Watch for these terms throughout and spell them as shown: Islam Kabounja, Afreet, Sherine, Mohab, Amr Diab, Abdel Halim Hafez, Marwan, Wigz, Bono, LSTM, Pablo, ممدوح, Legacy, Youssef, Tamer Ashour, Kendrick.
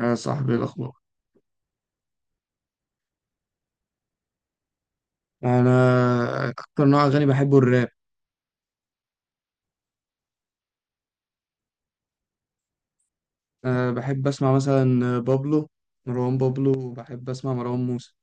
يا صاحبي، إيه الأخبار؟ أنا أكتر نوع أغاني بحبه الراب. أه، بحب أسمع مثلا بابلو، مروان بابلو، وبحب أسمع مروان موسى.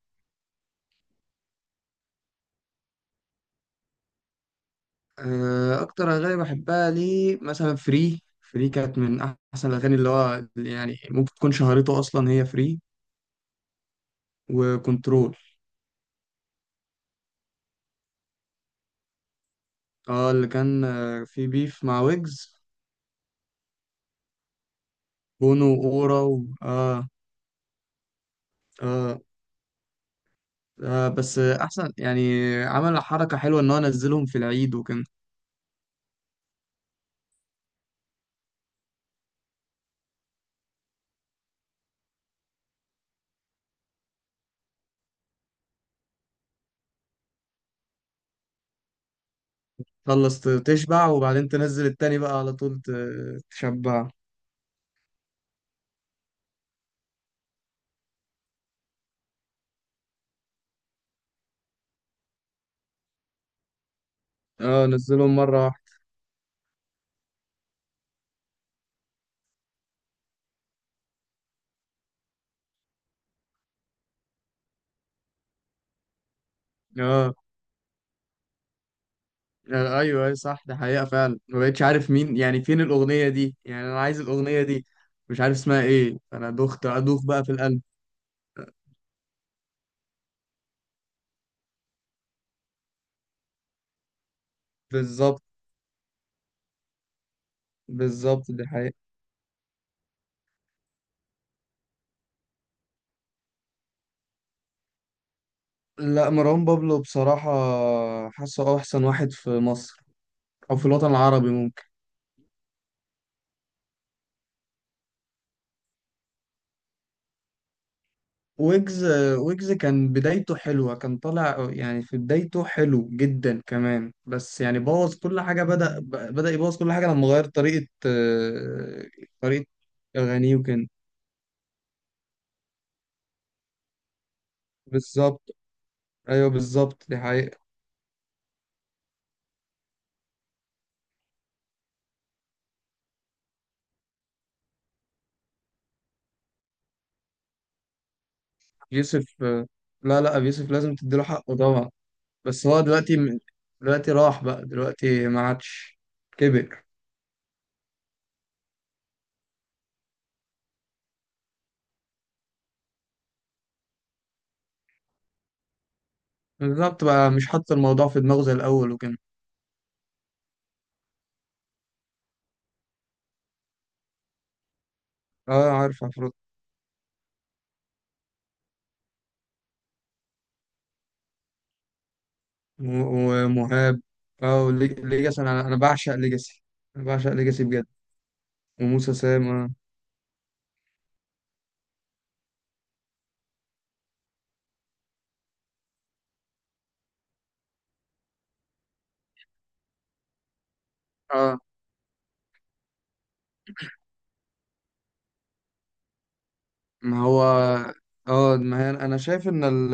أه، أكتر أغاني بحبها ليه مثلا، فري فري كانت من أحسن الأغاني، اللي هو يعني ممكن تكون شهرته أصلا هي فري، وكنترول. اه، اللي كان في بيف مع ويجز، بونو وأورا آه. آه. آه، بس أحسن، يعني عمل حركة حلوة، إن هو نزلهم في العيد وكان تخلص، تشبع، وبعدين تنزل التاني بقى على طول، تشبع. اه، نزلهم مرة واحدة. اه. ايوه، ايوه، صح، ده حقيقة فعلا، ما بقتش عارف مين، يعني فين الأغنية دي، يعني انا عايز الأغنية دي، مش عارف اسمها ايه، فانا دخت ادوخ بقى في القلب. بالظبط. بالظبط دي حقيقة. لا، مروان بابلو بصراحة، حاسه احسن واحد في مصر، او في الوطن العربي. ويجز، ويجز كان بدايته حلوة، كان طالع يعني في بدايته حلو جدا كمان، بس يعني بوظ كل حاجة، بدأ يبوظ كل حاجة لما غير طريقة أغانيه وكده. بالظبط. أيوه، بالظبط دي حقيقة. يوسف آه، لا لا، أبي يوسف لازم تديله حقه طبعا. بس هو دلوقتي دلوقتي راح بقى، دلوقتي ما عادش، كبر. بالظبط، بقى مش حاطط الموضوع في دماغه زي الأول وكده. اه، عارف عفروت و- ومهاب. اه، ليجاسي، انا بعشق ليجاسي. انا بعشق ليجاسي بجد، وموسى سام. اه. اه، ما هو، اه ما هي انا شايف ان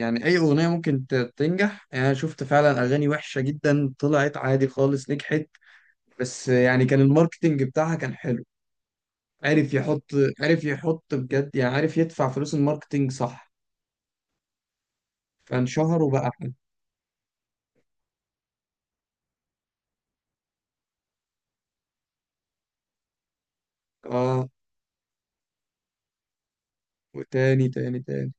يعني اي اغنيه ممكن تنجح، يعني انا شفت فعلا اغاني وحشه جدا طلعت عادي خالص، نجحت. بس يعني كان الماركتينج بتاعها كان حلو، عارف يحط عارف يحط بجد، يعني عارف يدفع فلوس الماركتينج، صح، فانشهر وبقى حلو. اه، وتاني تاني تاني.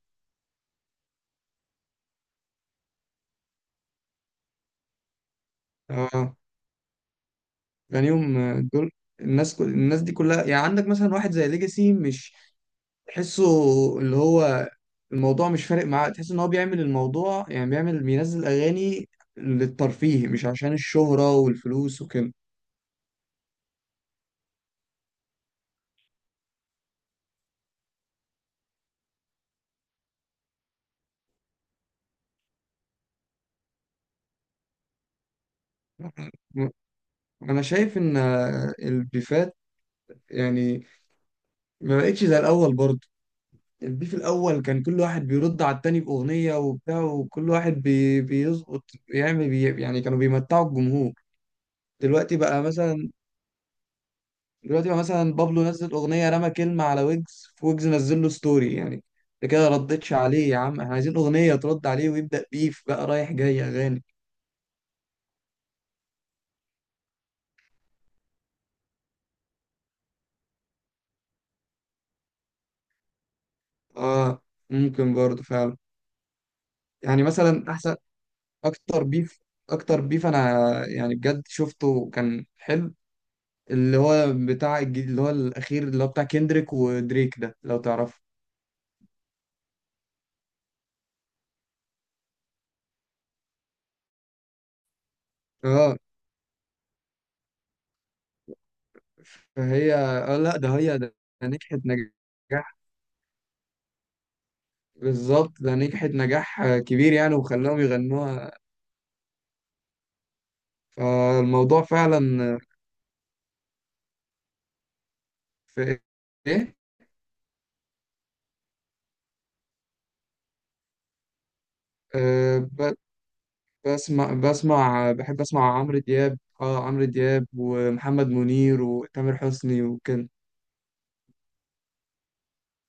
اه، يعني يوم دول، الناس دي كلها، يعني عندك مثلا واحد زي ليجاسي مش تحسه، اللي هو الموضوع مش فارق معاه، تحس ان هو بيعمل الموضوع، يعني بيعمل بينزل اغاني للترفيه، مش عشان الشهرة والفلوس وكده. انا شايف ان البيفات يعني ما بقتش زي الاول برضه. البيف الاول كان كل واحد بيرد على التاني باغنية وبتاع، وكل واحد بيظبط، يعمل يعني كانوا بيمتعوا الجمهور. دلوقتي بقى مثلا دلوقتي بقى مثلا، بابلو نزل اغنيه رمى كلمه على ويجز، ويجز نزل له ستوري، يعني انت كده ردتش عليه يا عم، احنا عايزين اغنيه ترد عليه ويبدا بيف بقى رايح جاي اغاني. اه، ممكن برضه فعلا. يعني مثلا احسن اكتر بيف اكتر بيف انا يعني بجد شفته كان حلو، اللي هو بتاع الجديد، اللي هو الاخير، اللي هو بتاع كيندريك ودريك، ده لو تعرفه. اه، فهي، اه لا، ده هي ده، ده نجحت نجاح. بالظبط، ده نجحت نجاح كبير، يعني وخلاهم يغنوها، فالموضوع فعلا في ايه. آه، ب- بسمع بحب اسمع عمرو دياب، اه عمرو دياب ومحمد منير وتامر حسني وكده.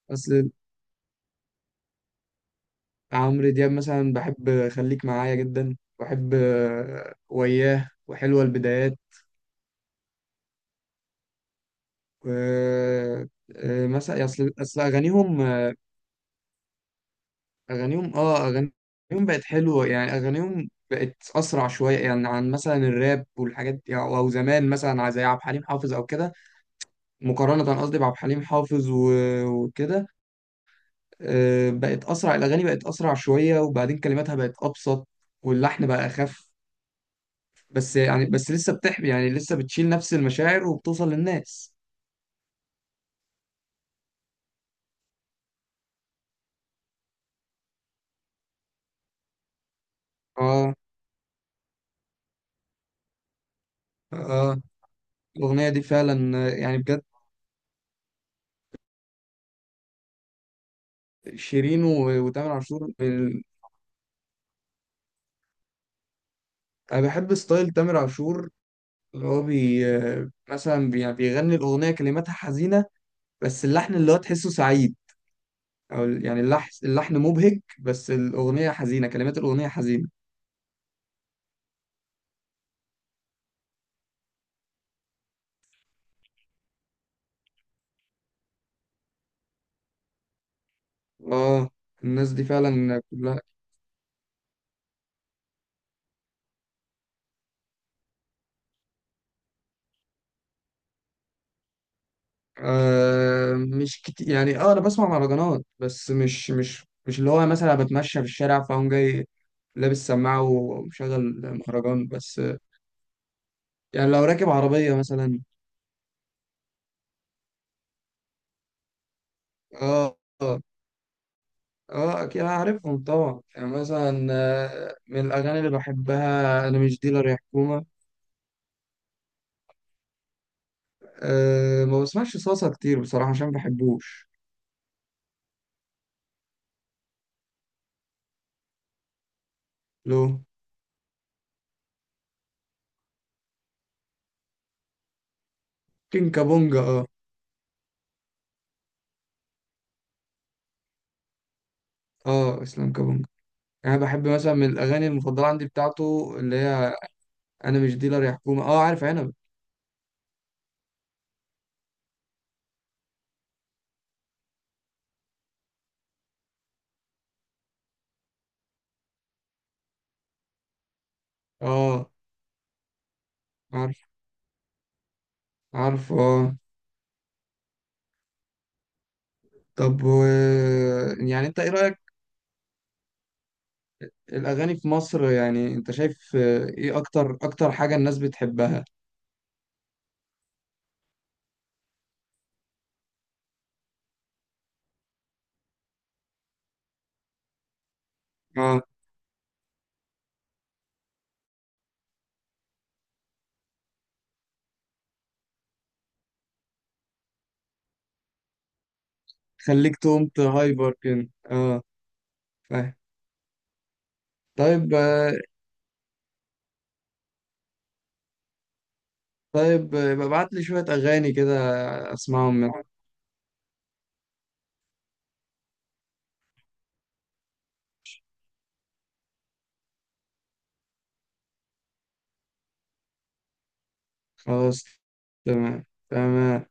بس عمرو دياب مثلا، بحب خليك معايا جدا، بحب وياه، وحلوة البدايات، و مثلا اصل اغانيهم اغانيهم بقت حلوة، يعني اغانيهم بقت اسرع شوية، يعني عن مثلا الراب والحاجات دي، او زمان مثلا زي عبد الحليم حافظ او كده، مقارنة قصدي بعبد الحليم حافظ وكده. بقت أسرع، الأغاني بقت أسرع شوية، وبعدين كلماتها بقت أبسط، واللحن بقى أخف، بس يعني بس لسه بتحمي، يعني لسه بتشيل نفس المشاعر وبتوصل للناس. اه. اه، الأغنية دي فعلا، يعني بجد. شيرين وتامر عاشور أنا بحب ستايل تامر عاشور، اللي هو بي آه، مثلا يعني بيغني الأغنية كلماتها حزينة، بس اللحن اللي هو تحسه سعيد، او يعني اللحن مبهج، بس الاغنيه حزينه، كلمات الاغنيه حزينه. اه، الناس دي فعلا كلها. آه، مش كتير يعني، اه انا بسمع مهرجانات، بس مش اللي هو، مثلا بتمشى في الشارع فاقوم جاي لابس سماعه ومشغل مهرجان، بس يعني لو راكب عربيه مثلا. اه. اه. اه، اكيد عارفهم طبعا، يعني مثلا من الاغاني اللي بحبها: انا مش ديلر يا حكومه. أه، ما بسمعش صلصه كتير بصراحه عشان ما بحبوش. لو كين كابونجا. اه. اه، اسلام كابونجا. يعني انا بحب مثلا من الاغاني المفضله عندي بتاعته، اللي هي انا مش ديلر يا حكومه. اه، عارف عنب. اه، عارف. عارف. اه. طب، يعني انت ايه رايك، الاغاني في مصر، يعني انت شايف ايه اكتر حاجه الناس بتحبها؟ اه، خليك تقوم هايبر كده، اه، فاهم. طيب، طيب، ابعت لي شويه اغاني كده، اسمعهم منك. خلاص. تمام. تمام.